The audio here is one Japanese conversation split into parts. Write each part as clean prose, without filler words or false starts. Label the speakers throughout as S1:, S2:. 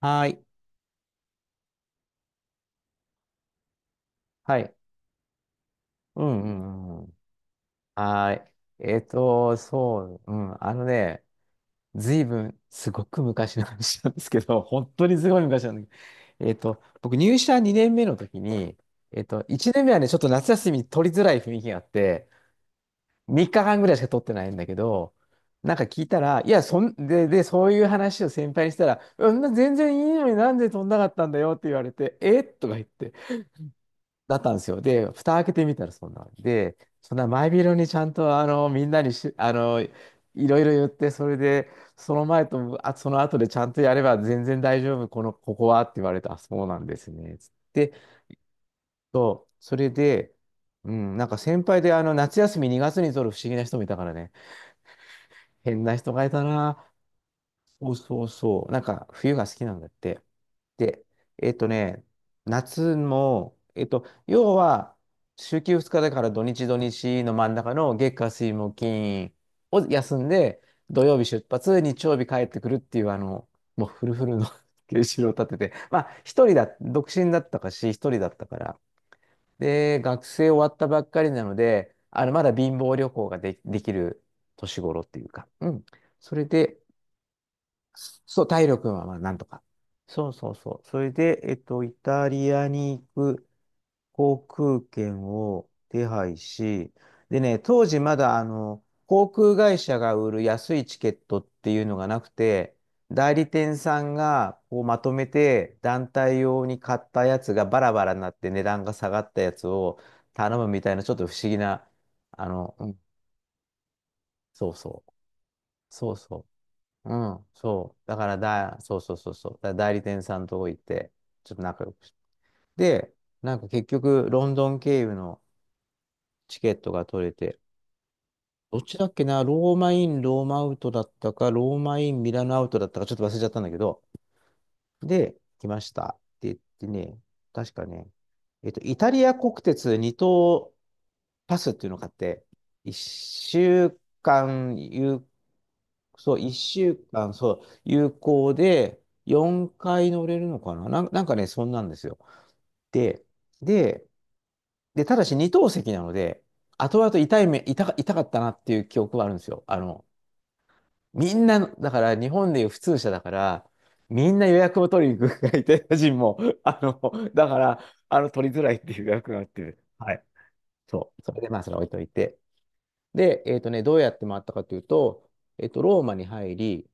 S1: はーい。はい。うんうんうんうん。はーい。そう、うん。あのね、ずいぶん、すごく昔の話なんですけど、本当にすごい昔なんだけど、僕入社2年目の時に、1年目はね、ちょっと夏休み取りづらい雰囲気があって、3日間ぐらいしか取ってないんだけど、なんか聞いたら、いや、そういう話を先輩にしたら、うん、全然いいのになんで取んなかったんだよって言われて、えとか言って、だったんですよ。で、蓋開けてみたらそんなんで、そんな前広にちゃんとみんなにし、いろいろ言って、それで、その前とその後でちゃんとやれば全然大丈夫、ここはって言われて、あ、そうなんですね。つってそう、それで、うん、なんか先輩で夏休み2月に取る不思議な人もいたからね、変な人がいたな。そうそうそう。なんか、冬が好きなんだって。で、えっとね、夏も、要は、週休2日だから土日土日の真ん中の月火水木金を休んで、土曜日出発、日曜日帰ってくるっていう、もうフルフルの スケジュールを立てて、まあ、一人だ、独身だったかし、一人だったから。で、学生終わったばっかりなので、まだ貧乏旅行ができる年頃っていうか、うん。それで、そう、体力はまあなんとか。そうそうそう。それで、イタリアに行く航空券を手配し、でね、当時まだ、航空会社が売る安いチケットっていうのがなくて、代理店さんがこうまとめて団体用に買ったやつがバラバラになって値段が下がったやつを頼むみたいなちょっと不思議な、うんそうそう、そうそううん、そう。だから、そうそうそうそう。だから代理店さんとこ行って、ちょっと仲良くして。で、なんか結局、ロンドン経由のチケットが取れて、どっちだっけな、ローマイン、ローマアウトだったか、ローマイン、ミラノアウトだったか、ちょっと忘れちゃったんだけど、で、来ましたって言ってね、確かね、イタリア国鉄2等パスっていうのがあって、1週間そう、1週間、そう、有効で、4回乗れるのかななんかね、そんなんですよ。で、で、で、ただし二等席なので、後々痛い目、痛か、痛かったなっていう記憶はあるんですよ。みんなだから日本でいう普通車だから、みんな予約を取りに行くから、イタリア人も、あの、だから、取りづらいっていう予約があって、はい。そう、それでまあ、それは置いといて。で、どうやって回ったかというと、ローマに入り、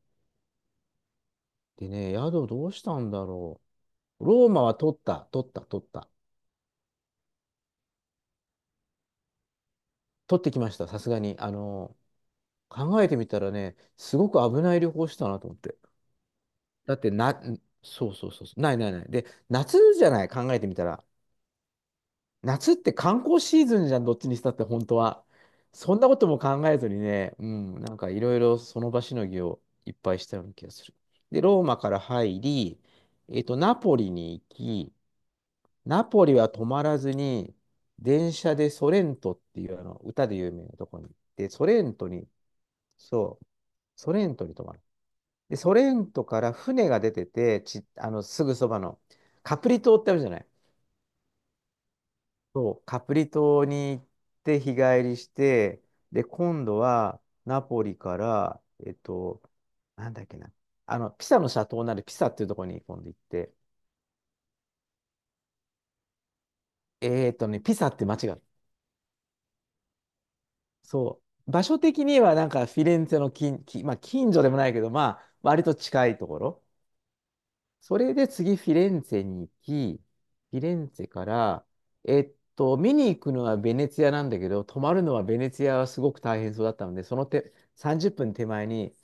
S1: でね、宿どうしたんだろう。ローマは取った、取った、取った。取ってきました、さすがに。考えてみたらね、すごく危ない旅行したなと思って。だってな、そうそうそうそう、ないないない。で、夏じゃない、考えてみたら。夏って観光シーズンじゃん、どっちにしたって、本当は。そんなことも考えずにね、うん、なんかいろいろその場しのぎをいっぱいしたような気がする。で、ローマから入り、ナポリに行き、ナポリは止まらずに、電車でソレントっていうあの歌で有名なところに行って、ソレントに、そう、ソレントに泊まる。で、ソレントから船が出てて、ち、あの、すぐそばのカプリ島ってあるじゃない。そう、カプリ島に行って日帰りして、で、今度はナポリから、なんだっけな、ピサの斜塔になるピサっていうところに今度行って、ピサって街がそう。場所的にはなんかフィレンツェのまあ、近所でもないけど、まあ、割と近いところ。それで次フィレンツェに行き、フィレンツェから、見に行くのはベネツィアなんだけど、泊まるのはベネツィアはすごく大変そうだったので、その手、30分手前に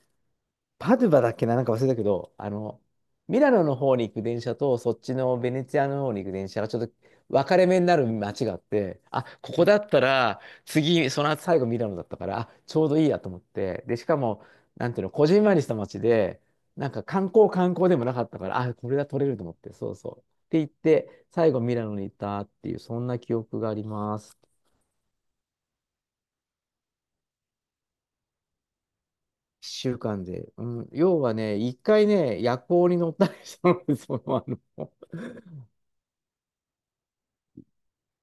S1: パドゥバだっけな、なんか忘れたけど、ミラノの方に行く電車と、そっちのベネツィアの方に行く電車がちょっと分かれ目になる街があって、あ、ここだったら、次、その後最後ミラノだったから、あ、ちょうどいいやと思って、で、しかも、なんていうの、こじんまりした街で、なんか観光観光でもなかったから、あ、これは取れると思って、そうそう。って言って、最後ミラノに行ったっていう、そんな記憶があります。一週間で。うん、要はね、一回ね、夜行に乗ったりしたのでその、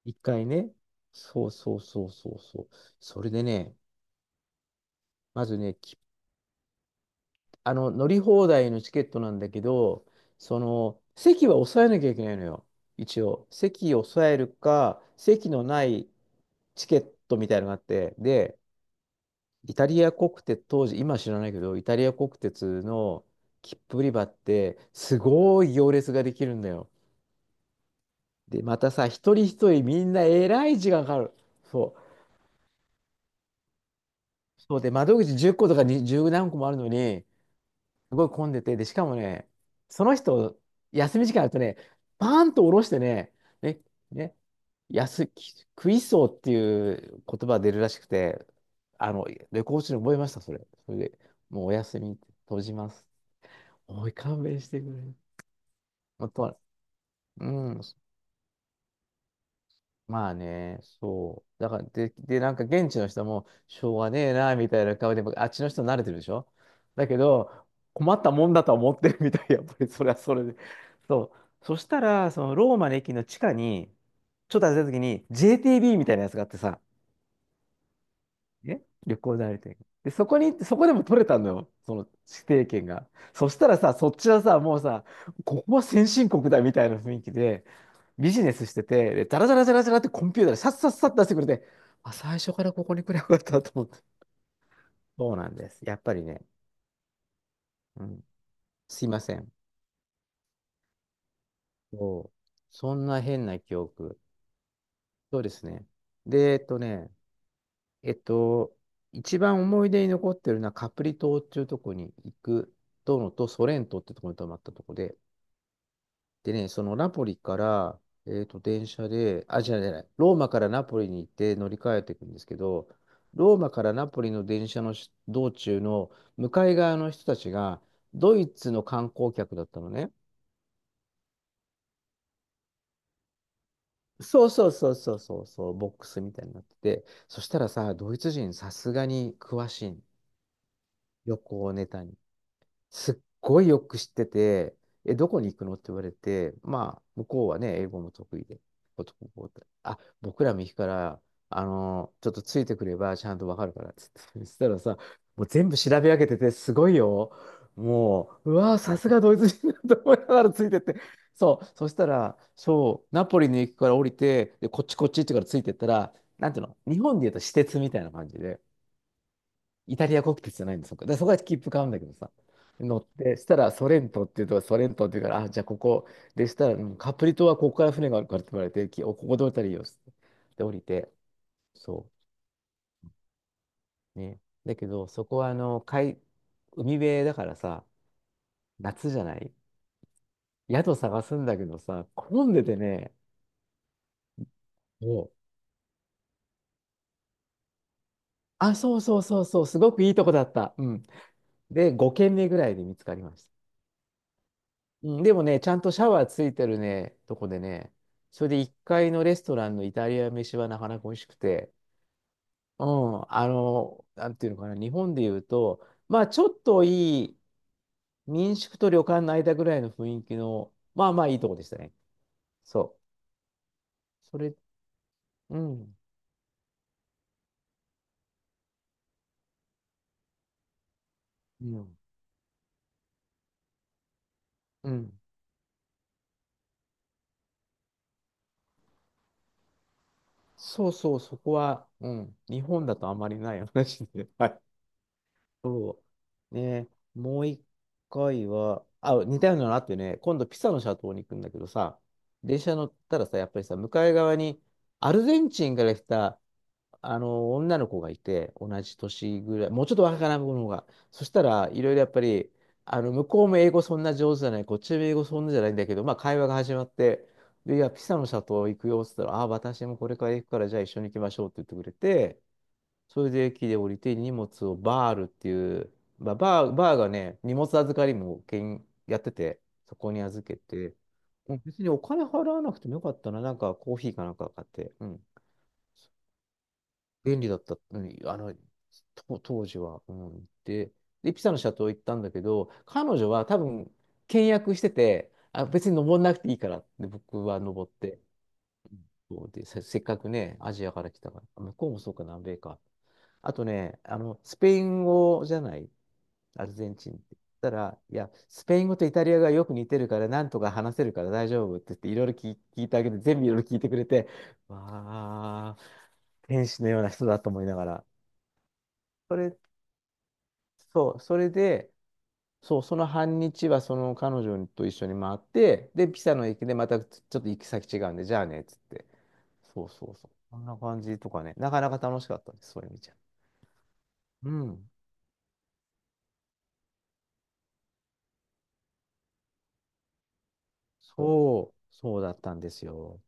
S1: 一回ね。そうそうそうそうそう。それでね、まずね、きあの、乗り放題のチケットなんだけど、その、席は抑えなきゃいけないのよ。一応。席を抑えるか、席のないチケットみたいなのがあって、で、イタリア国鉄、当時、今知らないけど、イタリア国鉄の切符売り場って、すごい行列ができるんだよ。で、またさ、一人一人みんなえらい時間かかる。そう。そうで、窓口10個とかに10何個もあるのに、すごい混んでて、で、しかもね、その人、休み時間あるとね、パーンと下ろしてね、ね、ね、クイソーっていう言葉が出るらしくて、レコーチに覚えました、それ。それで、もうお休み、閉じます。おい、勘弁してくれ。本当は、うん。まあね、そう。だから、で、なんか現地の人も、しょうがねえな、みたいな顔で、あっちの人慣れてるでしょだけど、困ったもんだとは思ってるみたい、やっぱりそれはそれで。そう。そしたら、そのローマの駅の地下に、ちょっと歩いた時に、JTB みたいなやつがあってさ、ね、旅行代理店。で、そこでも取れたのよ、その指定権が。そしたらさ、そっちはさ、もうさ、ここは先進国だみたいな雰囲気で、ビジネスしてて、で、ダラダラダラダラってコンピューターでさっさっさっ出してくれて、あ、最初からここに来ればよかったと思って。そうなんです。やっぱりね、うん、すいません。そう。そんな変な記憶。そうですね。で、えっとね、えっと、一番思い出に残ってるのはカプリ島っていうとこに行くとのと、ソレントってとこに泊まったとこで、でね、そのナポリから、電車で、あ、じゃない、違うローマからナポリに行って乗り換えていくんですけど、ローマからナポリの電車の道中の向かい側の人たちが、ドイツの観光客だったのね。そうそうそうそうそうそう、ボックスみたいになってて、そしたらさ、ドイツ人さすがに詳しいの、旅行ネタに。すっごいよく知ってて、え、どこに行くのって言われて、まあ、向こうはね、英語も得意で、ポトポトポトあ、僕ら右から、ちょっとついてくればちゃんとわかるからっつって、そしたらさ、もう全部調べ上げてて、すごいよ。もう、うわー、さすがドイツ人だと思いながらついてって。そう、そしたら、そう、ナポリの駅から降りて、で、こっちこっちってからついてったら、なんていうの、日本で言うと私鉄みたいな感じで、イタリア国鉄じゃないんですよ。だからそこは切符買うんだけどさ。乗って、したらソレントっていうから、あ、じゃあここでしたら、うんカプリ島はここから船があるからって言われて、きおここで降りたらいいよっつって。で、降りて、そう。ね。だけど、そこは海辺だからさ、夏じゃない宿探すんだけどさ、混んでてね、もう、あ、そうそうそうそう、すごくいいとこだった。うん。で、5軒目ぐらいで見つかりました。うんでもね、ちゃんとシャワーついてるね、とこでね、それで1階のレストランのイタリア飯はなかなか美味しくて、うん、なんていうのかな、日本で言うと、まあちょっといい民宿と旅館の間ぐらいの雰囲気の、まあまあいいとこでしたね。そう。それ、うん、うん、うん。そうそう、そこは、うん、日本だとあまりない話で。はいそう。ね、もう一回は、あ、似たようなのあってね、今度ピサのシャトーに行くんだけどさ、電車乗ったらさ、やっぱりさ、向かい側にアルゼンチンから来た、女の子がいて、同じ年ぐらい、もうちょっと若い子の方が。そしたらいろいろやっぱり、向こうも英語そんな上手じゃない、こっちも英語そんなじゃないんだけど、まあ会話が始まって、で、いや、ピサのシャトー行くよっつったら、あ、私もこれから行くから、じゃあ一緒に行きましょうって言ってくれて、それで駅で降りて荷物をバールっていう、まあ、バーがね、荷物預かりもけんやってて、そこに預けて、うん別にお金払わなくてもよかったな、なんかコーヒーかなんか買って、うん、便利だった、うん、当時は、うん、で、で、ピサの斜塔行ったんだけど、彼女は多分、倹約してて、あ、別に登んなくていいからって僕は登って、そうで、せっかくね、アジアから来たから、向こうもそうか、南米か。あとね、スペイン語じゃない、アルゼンチンって。たら、いや、スペイン語とイタリアがよく似てるから、なんとか話せるから大丈夫って言って、いろいろ聞いてあげて、全部いろいろ聞いてくれて、わあ、天使のような人だと思いながら。それ、そう、それで、そう、その半日はその彼女と一緒に回って、で、ピサの駅でまたちょっと行き先違うんで、じゃあね、っつって。そうそうそう。こんな感じとかね、なかなか楽しかったです、そういう意味じゃ。うん。そうそう、そうだったんですよ。